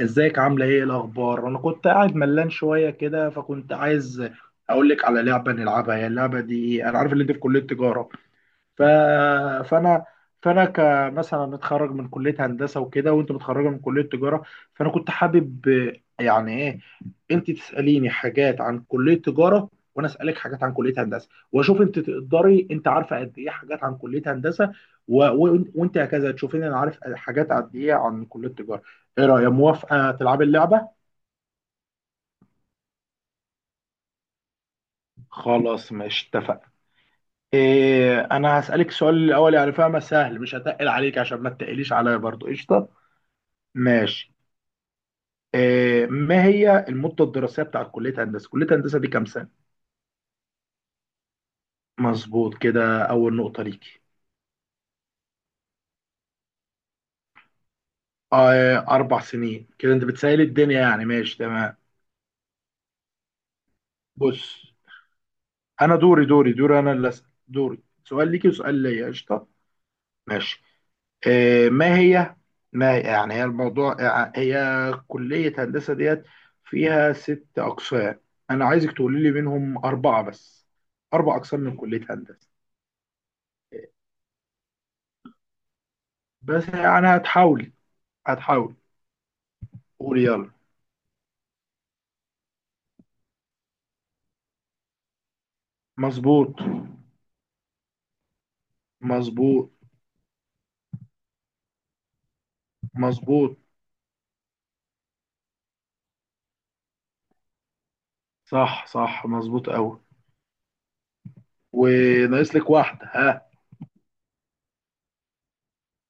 ازيك؟ عامله ايه؟ إيه الاخبار؟ انا كنت قاعد ملان شويه كده، فكنت عايز اقول لك على لعبه نلعبها. هي اللعبه دي إيه؟ انا عارف ان انت في كليه تجاره، ف... فانا فانا كمثلا متخرج من كليه هندسه وكده، وانت متخرجه من كليه تجاره، فانا كنت حابب يعني ايه انت تساليني حاجات عن كليه تجاره وانا اسالك حاجات عن كليه هندسه، واشوف انت تقدري، انت عارفه قد ايه حاجات عن كليه هندسه، وانت هكذا تشوفيني انا عارف حاجات قد ايه عن كليه تجاره. ايه رايك، موافقه تلعبي اللعبه؟ خلاص ماشي، اتفقنا. انا هسالك السؤال الاول، يعني فاهمه، سهل مش هتقل عليك عشان ما تقليش عليا برضو، قشطه. ماشي. ما هي المدة الدراسية بتاعت كلية هندسة؟ كلية هندسة دي كام سنة؟ مظبوط، كده أول نقطة ليكي. أربع سنين، كده أنت بتسهلي الدنيا يعني، ماشي تمام. بص، أنا دوري، أنا اللي أسأل، دوري سؤال ليكي وسؤال ليا، قشطة. ماشي. آه، ما هي ما يعني هي الموضوع، يعني هي كلية هندسة ديت فيها ست أقسام، أنا عايزك تقولي لي منهم أربعة بس، أربع أقسام من كلية هندسة. بس يعني هتحاول، هتحاول، قول يلا. مظبوط، مظبوط، مظبوط. صح صح، مظبوط قوي. وناقص لك واحدة، ها؟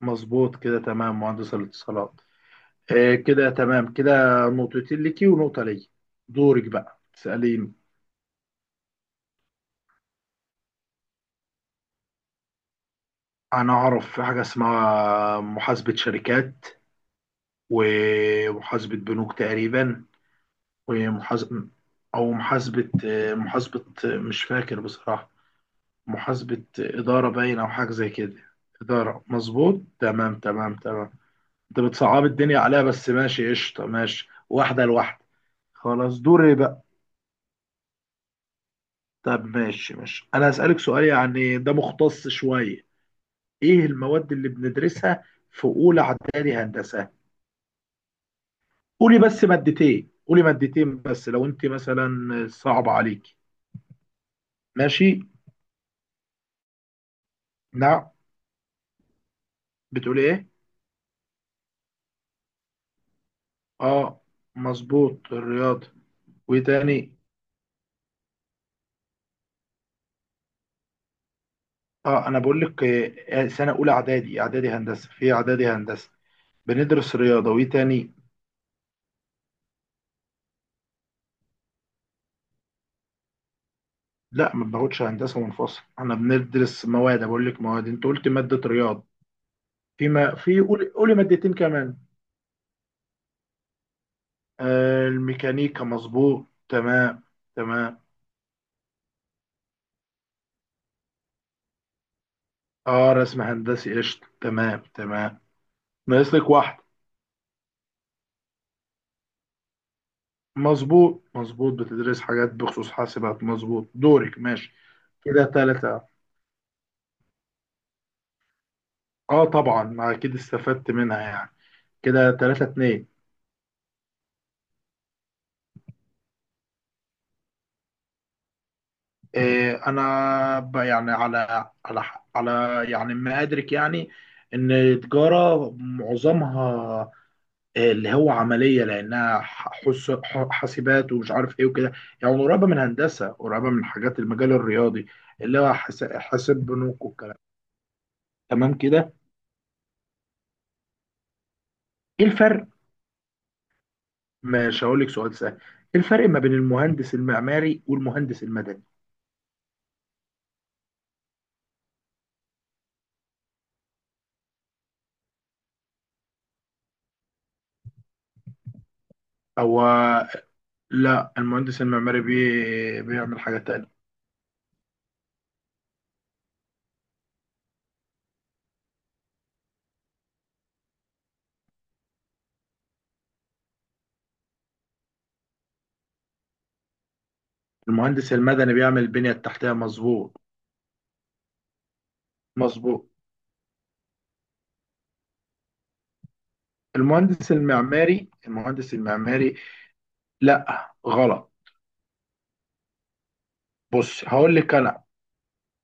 مظبوط كده، تمام، مهندس الاتصالات. آه كده، تمام كده. نقطتين ليكي ونقطة لي. دورك بقى تسأليني. أنا أعرف في حاجة اسمها محاسبة شركات، ومحاسبة بنوك تقريبا، ومحاسبة، أو محاسبة مش فاكر بصراحة، محاسبة إدارة باين، أو حاجة زي كده. إدارة، مظبوط، تمام تمام تمام. أنت بتصعب الدنيا عليها، بس ماشي قشطة، ماشي، واحدة لواحدة. خلاص دوري بقى. طب ماشي ماشي، أنا هسألك سؤال يعني ده مختص شوية. إيه المواد اللي بندرسها في أولى إعدادي هندسة؟ قولي بس مادتين، قولي مادتين بس، لو أنت مثلا صعب عليك. ماشي؟ نعم، بتقولي إيه؟ آه، مظبوط، الرياضة. وإيه تاني؟ اه انا بقول لك، سنه اولى اعدادي، اعدادي هندسه، في اعدادي هندسه بندرس رياضه، وايه تاني؟ لا ما باخدش هندسه منفصل، انا بندرس مواد، بقول لك مواد، انت قلت ماده رياضه، في ما في قولي، قولي مادتين كمان. آه الميكانيكا، مظبوط تمام. تمام. اه، رسم هندسي، قشطه، تمام تمام. ناقص لك واحده. مظبوط مظبوط، بتدرس حاجات بخصوص حاسبات، مظبوط. دورك. ماشي. كده ثلاثه. اه طبعا، ما اكيد استفدت منها يعني. كده ثلاثه اتنين. انا يعني على على يعني ما ادرك يعني، ان التجاره معظمها اللي هو عمليه، لانها حاسبات ومش عارف ايه وكده، يعني قريبه من هندسه، قريبه من حاجات المجال الرياضي، اللي هو حاسب بنوك والكلام. تمام كده. ايه الفرق؟ مش هقول لك سؤال سهل. ايه الفرق ما بين المهندس المعماري والمهندس المدني؟ هو، لا، المهندس المعماري بيعمل حاجه تانية. المهندس المدني بيعمل البنية التحتية، مظبوط مظبوط. المهندس المعماري، المهندس المعماري، لا غلط. بص هقول لك انا،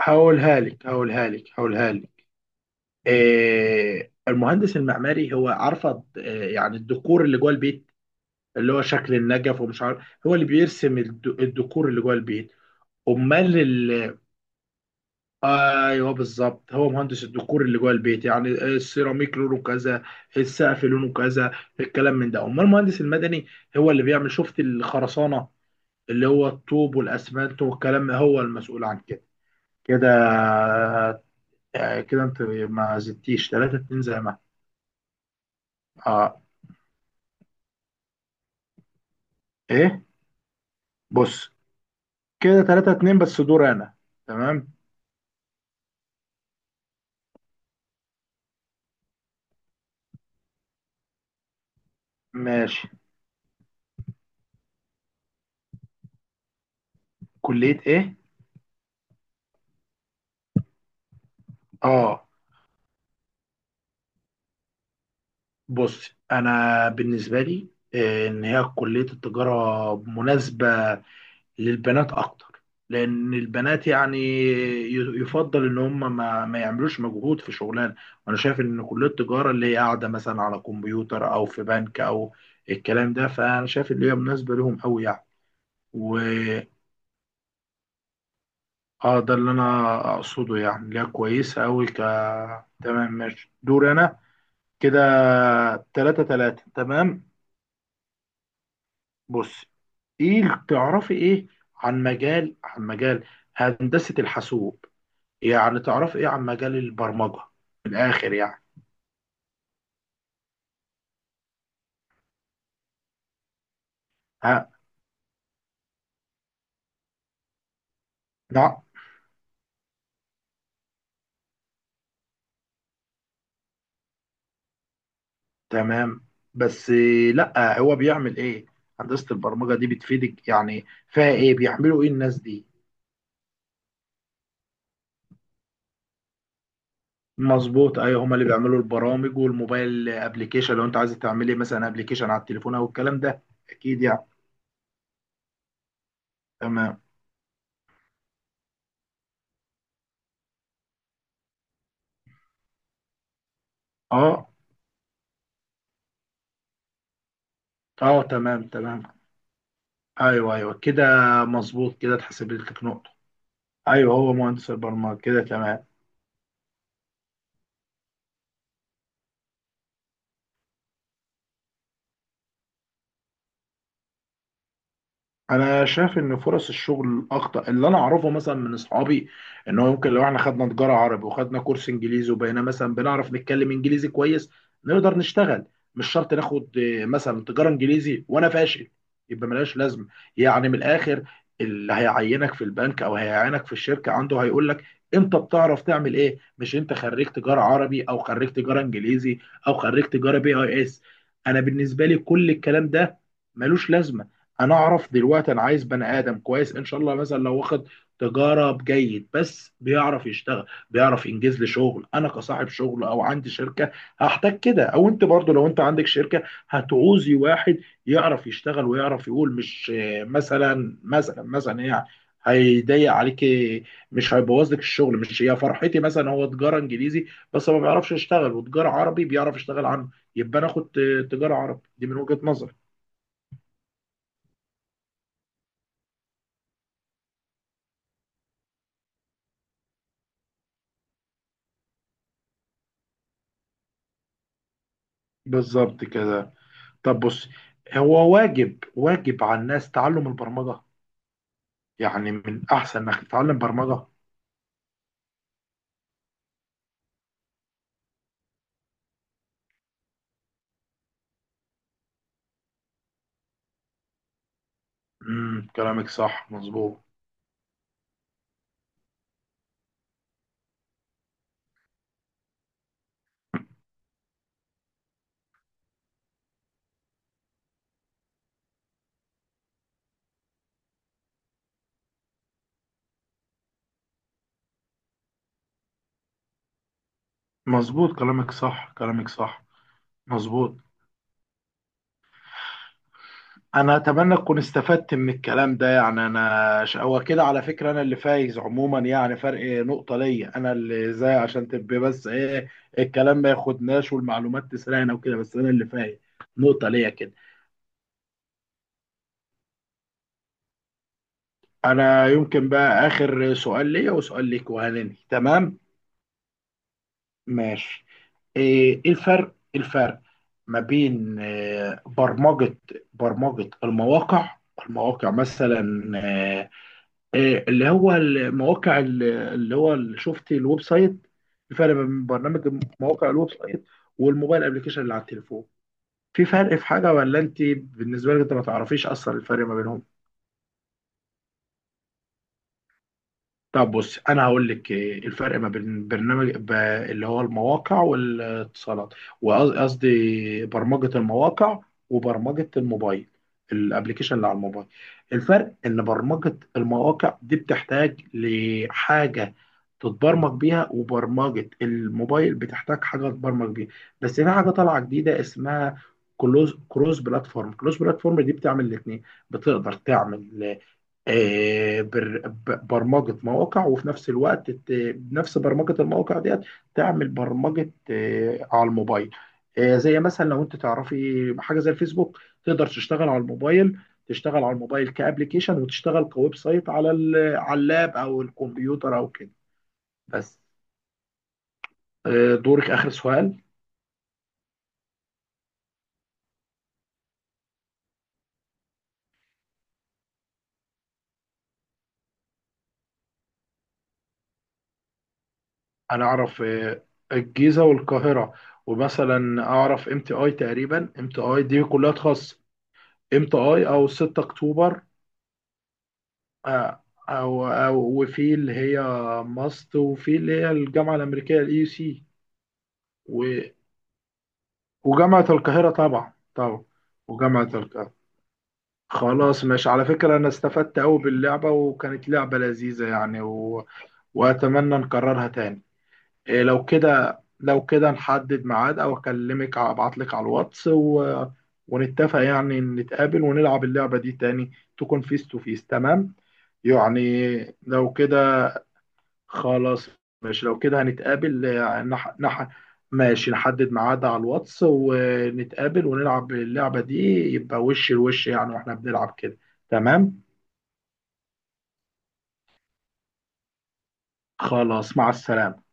هقولها لك. المهندس المعماري هو، عارفه إيه يعني الديكور اللي جوه البيت، اللي هو شكل النجف ومش عارف، هو اللي بيرسم الديكور اللي جوه البيت. امال. ايوه بالظبط، هو مهندس الديكور اللي جوه البيت، يعني السيراميك لونه كذا، السقف لونه كذا، الكلام من ده. امال المهندس المدني هو اللي بيعمل، شفت الخرسانه، اللي هو الطوب والاسمنت والكلام، هو المسؤول عن كده. كده. كده انت ما زدتيش، 3 2 زي ما، اه. ايه؟ بص كده 3 2، بس دور انا. تمام، ماشي. كلية ايه؟ اه. بص انا بالنسبه لي، ان هي كليه التجاره مناسبه للبنات اكتر، لان البنات يعني يفضل ان هم ما يعملوش مجهود في شغلانه، وانا شايف ان كليه التجاره اللي هي قاعده مثلا على كمبيوتر او في بنك او الكلام ده، فانا شايف ان هي مناسبه لهم قوي يعني. و اه ده اللي انا اقصده، يعني اللي هي كويسه قوي، ك. تمام ماشي، دور انا. كده تلاتة تلاتة، تمام. بص، ايه اللي تعرفي، ايه عن مجال هندسة الحاسوب؟ يعني تعرفي ايه عن مجال البرمجة، من الاخر يعني؟ ها؟ لا. تمام. بس لا هو بيعمل ايه؟ هندسة البرمجة دي بتفيدك، يعني فيها ايه، بيعملوا ايه الناس دي؟ مظبوط، ايوه، هما اللي بيعملوا البرامج والموبايل ابلكيشن، لو انت عايزه تعملي مثلا ابلكيشن على التليفون او الكلام ده، اكيد يعني. تمام. اه، اه، تمام تمام. ايوه ايوه كده، مظبوط كده، اتحسبت لك نقطة. ايوه هو مهندس البرمجة، كده تمام. انا شايف ان فرص الشغل الاخطر اللي انا اعرفه مثلا من اصحابي، ان هو يمكن لو احنا خدنا تجاره عربي وخدنا كورس انجليزي وبقينا مثلا بنعرف نتكلم انجليزي كويس، نقدر نشتغل. مش شرط ناخد مثلا تجاره انجليزي وانا فاشل، يبقى ملهاش لازمه. يعني من الاخر، اللي هيعينك في البنك او هيعينك في الشركه عنده، هيقول لك انت بتعرف تعمل ايه، مش انت خريج تجاره عربي او خريج تجاره انجليزي او خريج تجاره بي اي اس. انا بالنسبه لي كل الكلام ده ملوش لازمه. انا اعرف دلوقتي انا عايز بني ادم كويس ان شاء الله، مثلا لو واخد تجاره جيد بس بيعرف يشتغل، بيعرف ينجز لي شغل، انا كصاحب شغل او عندي شركه هحتاج كده. او انت برضو لو انت عندك شركه، هتعوزي واحد يعرف يشتغل ويعرف يقول، مش مثلا يعني هيضيق عليكي، مش هيبوظ لك الشغل، مش هي فرحتي مثلا هو تجاره انجليزي بس ما بيعرفش يشتغل، وتجاره عربي بيعرف يشتغل عنه، يبقى انا اخد تجاره عربي دي من وجهه نظري. بالظبط كده. طب بص، هو واجب، واجب على الناس تعلم البرمجة، يعني من أحسن إنك تتعلم برمجة. امم، كلامك صح، مظبوط مظبوط، كلامك صح، كلامك صح، مظبوط. أنا أتمنى أكون استفدت من الكلام ده يعني. أنا هو كده على فكرة أنا اللي فايز عموما، يعني فرق نقطة ليا، أنا اللي زي، عشان تبقى بس الكلام ما ياخدناش والمعلومات تسرقنا وكده، بس أنا اللي فايز نقطة ليا كده. أنا يمكن بقى آخر سؤال ليا وسؤال ليك وهننهي، تمام. ماشي. إيه الفرق، الفرق ما بين برمجة المواقع، المواقع مثلا اللي هو المواقع اللي هو اللي، شفت الويب سايت، الفرق ما بين برنامج مواقع الويب سايت والموبايل ابلكيشن اللي على التليفون؟ في فرق في حاجة، ولا انت بالنسبة لك انت ما تعرفيش اصلا الفرق ما بينهم؟ طب بص انا هقول لك إيه الفرق ما بين برنامج اللي هو المواقع والاتصالات، وقصدي برمجة المواقع وبرمجة الموبايل، الابليكيشن اللي على الموبايل. الفرق ان برمجة المواقع دي بتحتاج لحاجة تتبرمج بيها، وبرمجة الموبايل بتحتاج حاجة تتبرمج بيها، بس في حاجة طالعة جديدة اسمها كلوز، كروس بلاتفورم دي بتعمل الاثنين، بتقدر تعمل برمجة مواقع، وفي نفس الوقت بنفس برمجة المواقع ديت تعمل برمجة على الموبايل. زي مثلا لو انت تعرفي حاجة زي الفيسبوك، تقدر تشتغل على الموبايل، تشتغل على الموبايل كأبليكيشن، وتشتغل كويب سايت على على اللاب او الكمبيوتر او كده. بس دورك، آخر سؤال. انا اعرف الجيزة والقاهرة، ومثلا اعرف ام تي اي تقريبا، ام تي اي دي كلها خاصة. ام تي اي، او 6 اكتوبر. آه، أو وفي اللي هي ماست، وفي اللي هي الجامعة الأمريكية، ال يو سي. و... وجامعة القاهرة طبعا طبعا، وجامعة القاهرة. خلاص ماشي، على فكرة أنا استفدت أوي باللعبة، وكانت لعبة لذيذة يعني، وأتمنى نكررها تاني. إيه لو كده، لو كده نحدد ميعاد أو أكلمك أبعت لك على الواتس، ونتفق، يعني نتقابل ونلعب اللعبة دي تاني، تكون فيس تو فيس، تمام. يعني لو كده، خلاص ماشي، لو كده هنتقابل، ماشي، نحدد ميعاد على الواتس ونتقابل ونلعب اللعبة دي، يبقى وش لوش يعني واحنا بنلعب كده، تمام. خلاص، مع السلامة.